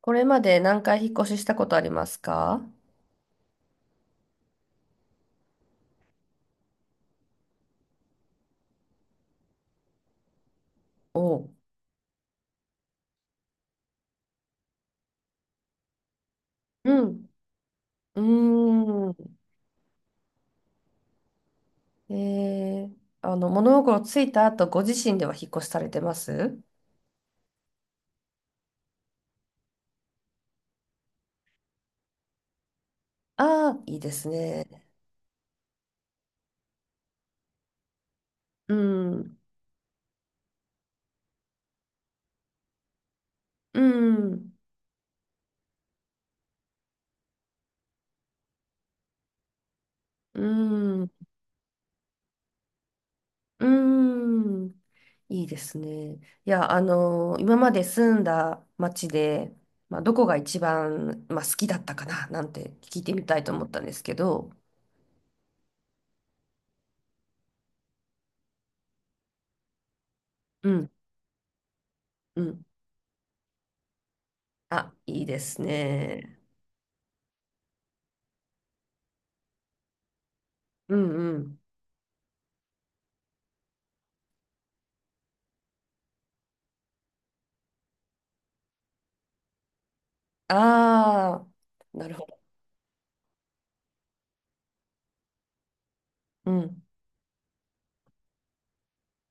これまで何回引っ越ししたことありますか？おう。うん。うーん。えー、物心ついた後、ご自身では引っ越しされてますああー、いいですね。うん。うん。うん。うん。いいですね。いや、あの、今まで住んだ町で、まあ、どこが一番、まあ、好きだったかななんて聞いてみたいと思ったんですけど。うん。うん。あ、いいですね。うんうん。ああ、なるほど。うん、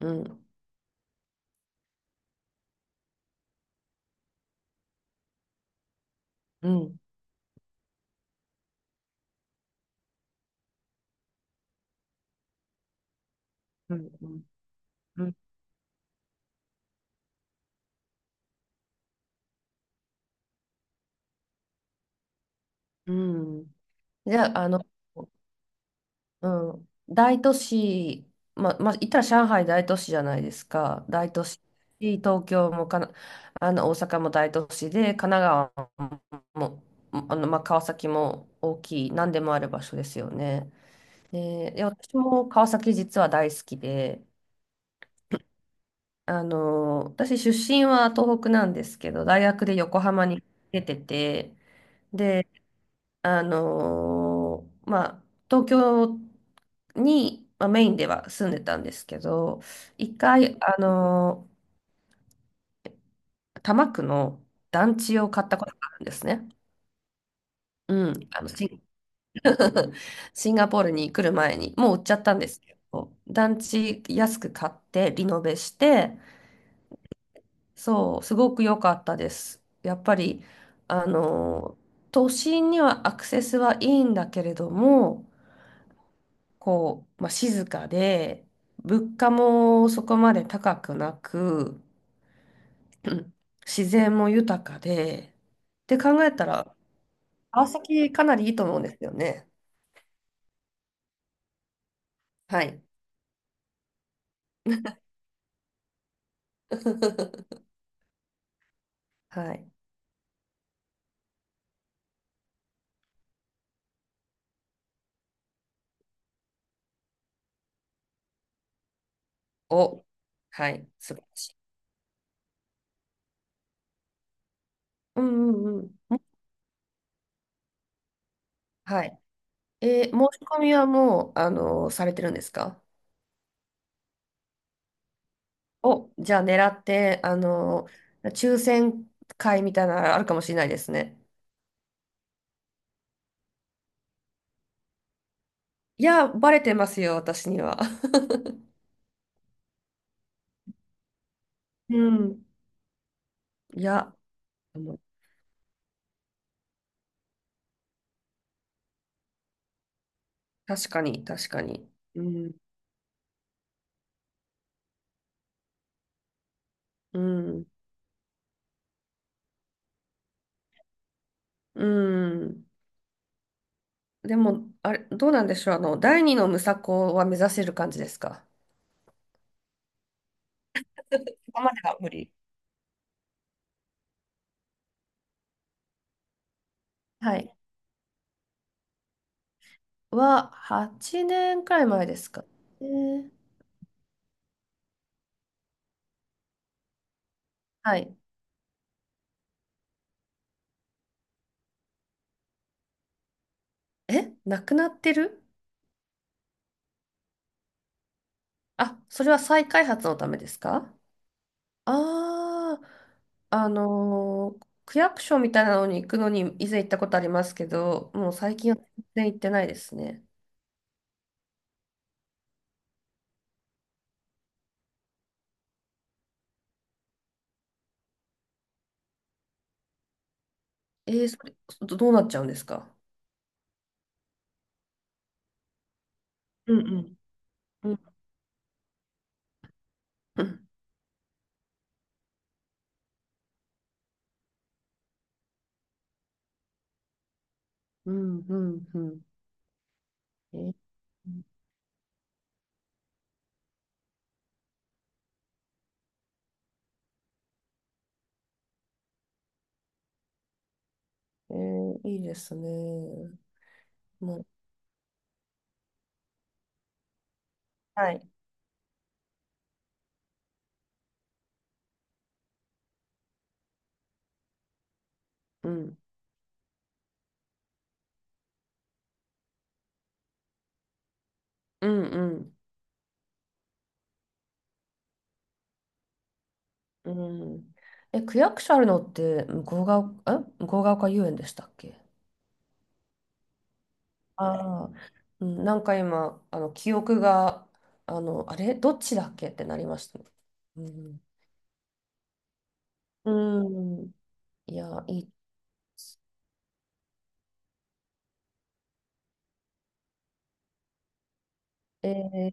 うん、うん、うん、うん。うんうん。じゃあ、あの、うん、大都市、言ったら上海大都市じゃないですか。大都市、東京もかな、あの、大阪も大都市で、神奈川も、あの、ま、川崎も大きい、何でもある場所ですよね。で、で私も川崎実は大好きで、あの、私出身は東北なんですけど、大学で横浜に出てて、で、あの、まあ、東京に、まあ、メインでは住んでたんですけど、一回、あの、多摩区の団地を買ったことがあるんですね。うん、シンガポールに来る前に、もう売っちゃったんですけど、団地安く買ってリノベして、そう、すごく良かったです。やっぱり、あの、都心にはアクセスはいいんだけれども、こう、まあ、静かで、物価もそこまで高くなく、うん、自然も豊かで、って考えたら、川崎かなりいいと思うんですよね。はい。はい。お、はい。素晴らしい。うんうんうん。はい。えー、申し込みはもう、あの、されてるんですか？お、じゃあ狙って、あの、抽選会みたいなのあるかもしれないですね。いや、バレてますよ、私には。うん。いや、もう確かに、確かに。うん。うん。うん。でも、あれ、どうなんでしょう。あの、第二のムサコは目指せる感じですか？そこまでは無理。はい。は、8年くらい前ですか。えーはい。え、なくなってる？あ、それは再開発のためですか？ああ、あのー、区役所みたいなのに行くのに以前行ったことありますけど、もう最近は全然行ってないですね。えー、それ、どうなっちゃうんですか？うんうん。うん、うん、うん、うん。えー、えーいいですね。もう、はい。うん、うん、うん、うん。え、区役所あるのって、向ヶ丘遊園でしたっけ？ああ、うん、なんか今、あの、記憶が、あの、あれどっちだっけってなりましたね。うん。うん。いや、いって、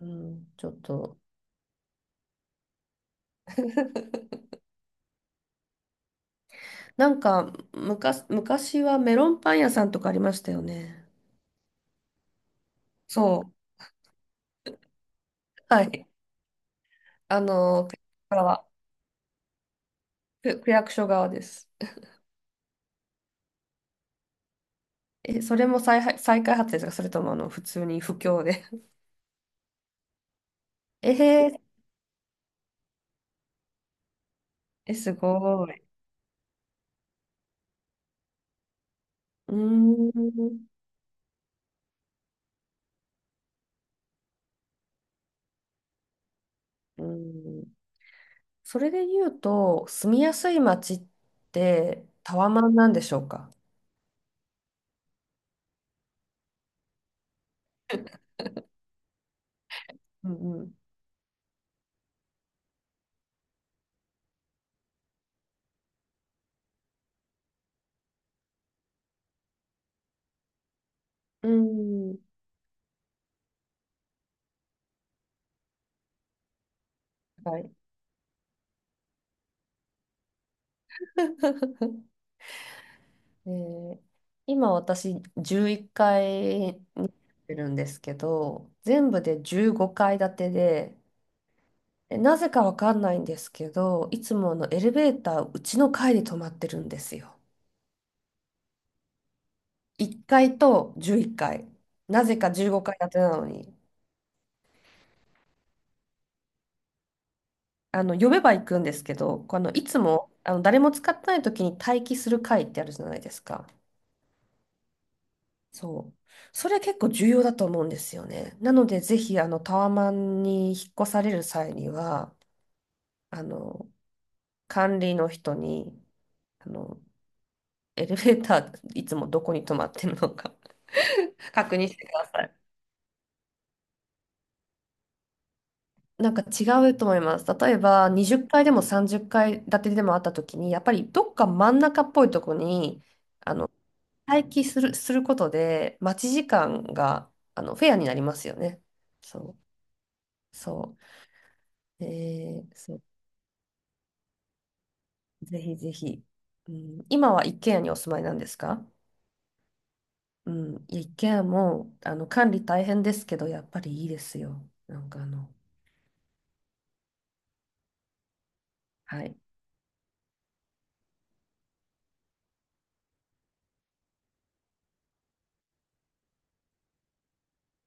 うん、ちょっと。なんか、昔はメロンパン屋さんとかありましたよね。そう。はい。あの、側、区役所側です。え、それも再開発ですか？それとも、あの、普通に不況で。えー、え、すごい。うーん。うーん、それで言うと、住みやすい街ってタワマンなんでしょうか？うんうん。うん。はい。で、今私11階いっかいいるんですけど、全部で15階建てで、なぜかわかんないんですけど、いつもあのエレベーターうちの階で止まってるんですよ。1階と11階。なぜか15階建てなのに。あの、呼べば行くんですけど、こうあの、いつも、あの、誰も使ってない時に待機する会ってあるじゃないですか。そう。それ結構重要だと思うんですよね。なので、ぜひ、あの、タワマンに引っ越される際には、あの、管理の人に、あの、エレベーター、いつもどこに止まってるのか 確認してください。なんか違うと思います。例えば、20階でも30階建てでもあった時に、やっぱりどっか真ん中っぽいとこに、あの、待機する、することで、待ち時間が、あの、フェアになりますよね。そう、そう。えー、そう、ぜひぜひ。うん、今は一軒家にお住まいなんですか？うん、いや一軒家も、あの、管理大変ですけど、やっぱりいいですよ。なんかあの、はい。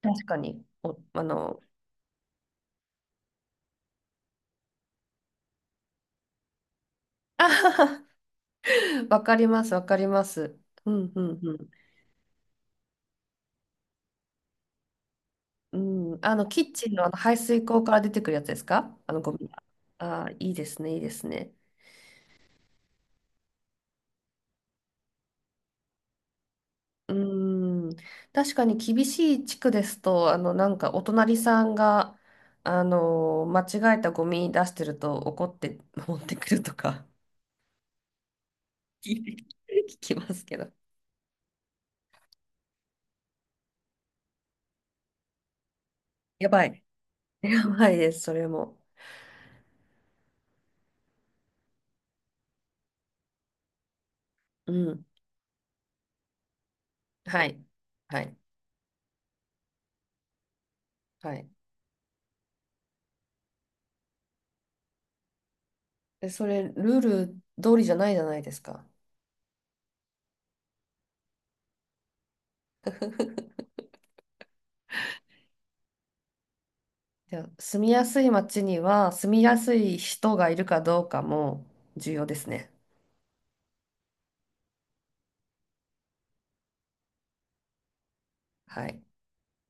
確かに、お、あの、あはは、わかります、わかります。うん、うん、うん。うん、あの、キッチンの、あの排水口から出てくるやつですか？あの、ゴミが。ああ、いいですね、いいですね。うーん、確かに厳しい地区ですと、あの、なんかお隣さんが、あの、間違えたゴミ出してると怒って 持ってくるとか 聞きますけど。やばい。やばいです、それも。うん。はい。はい。はい。で、それ、ルール通りじゃないじゃないですか。じゃあ住みやすい街には、住みやすい人がいるかどうかも重要ですね。はい。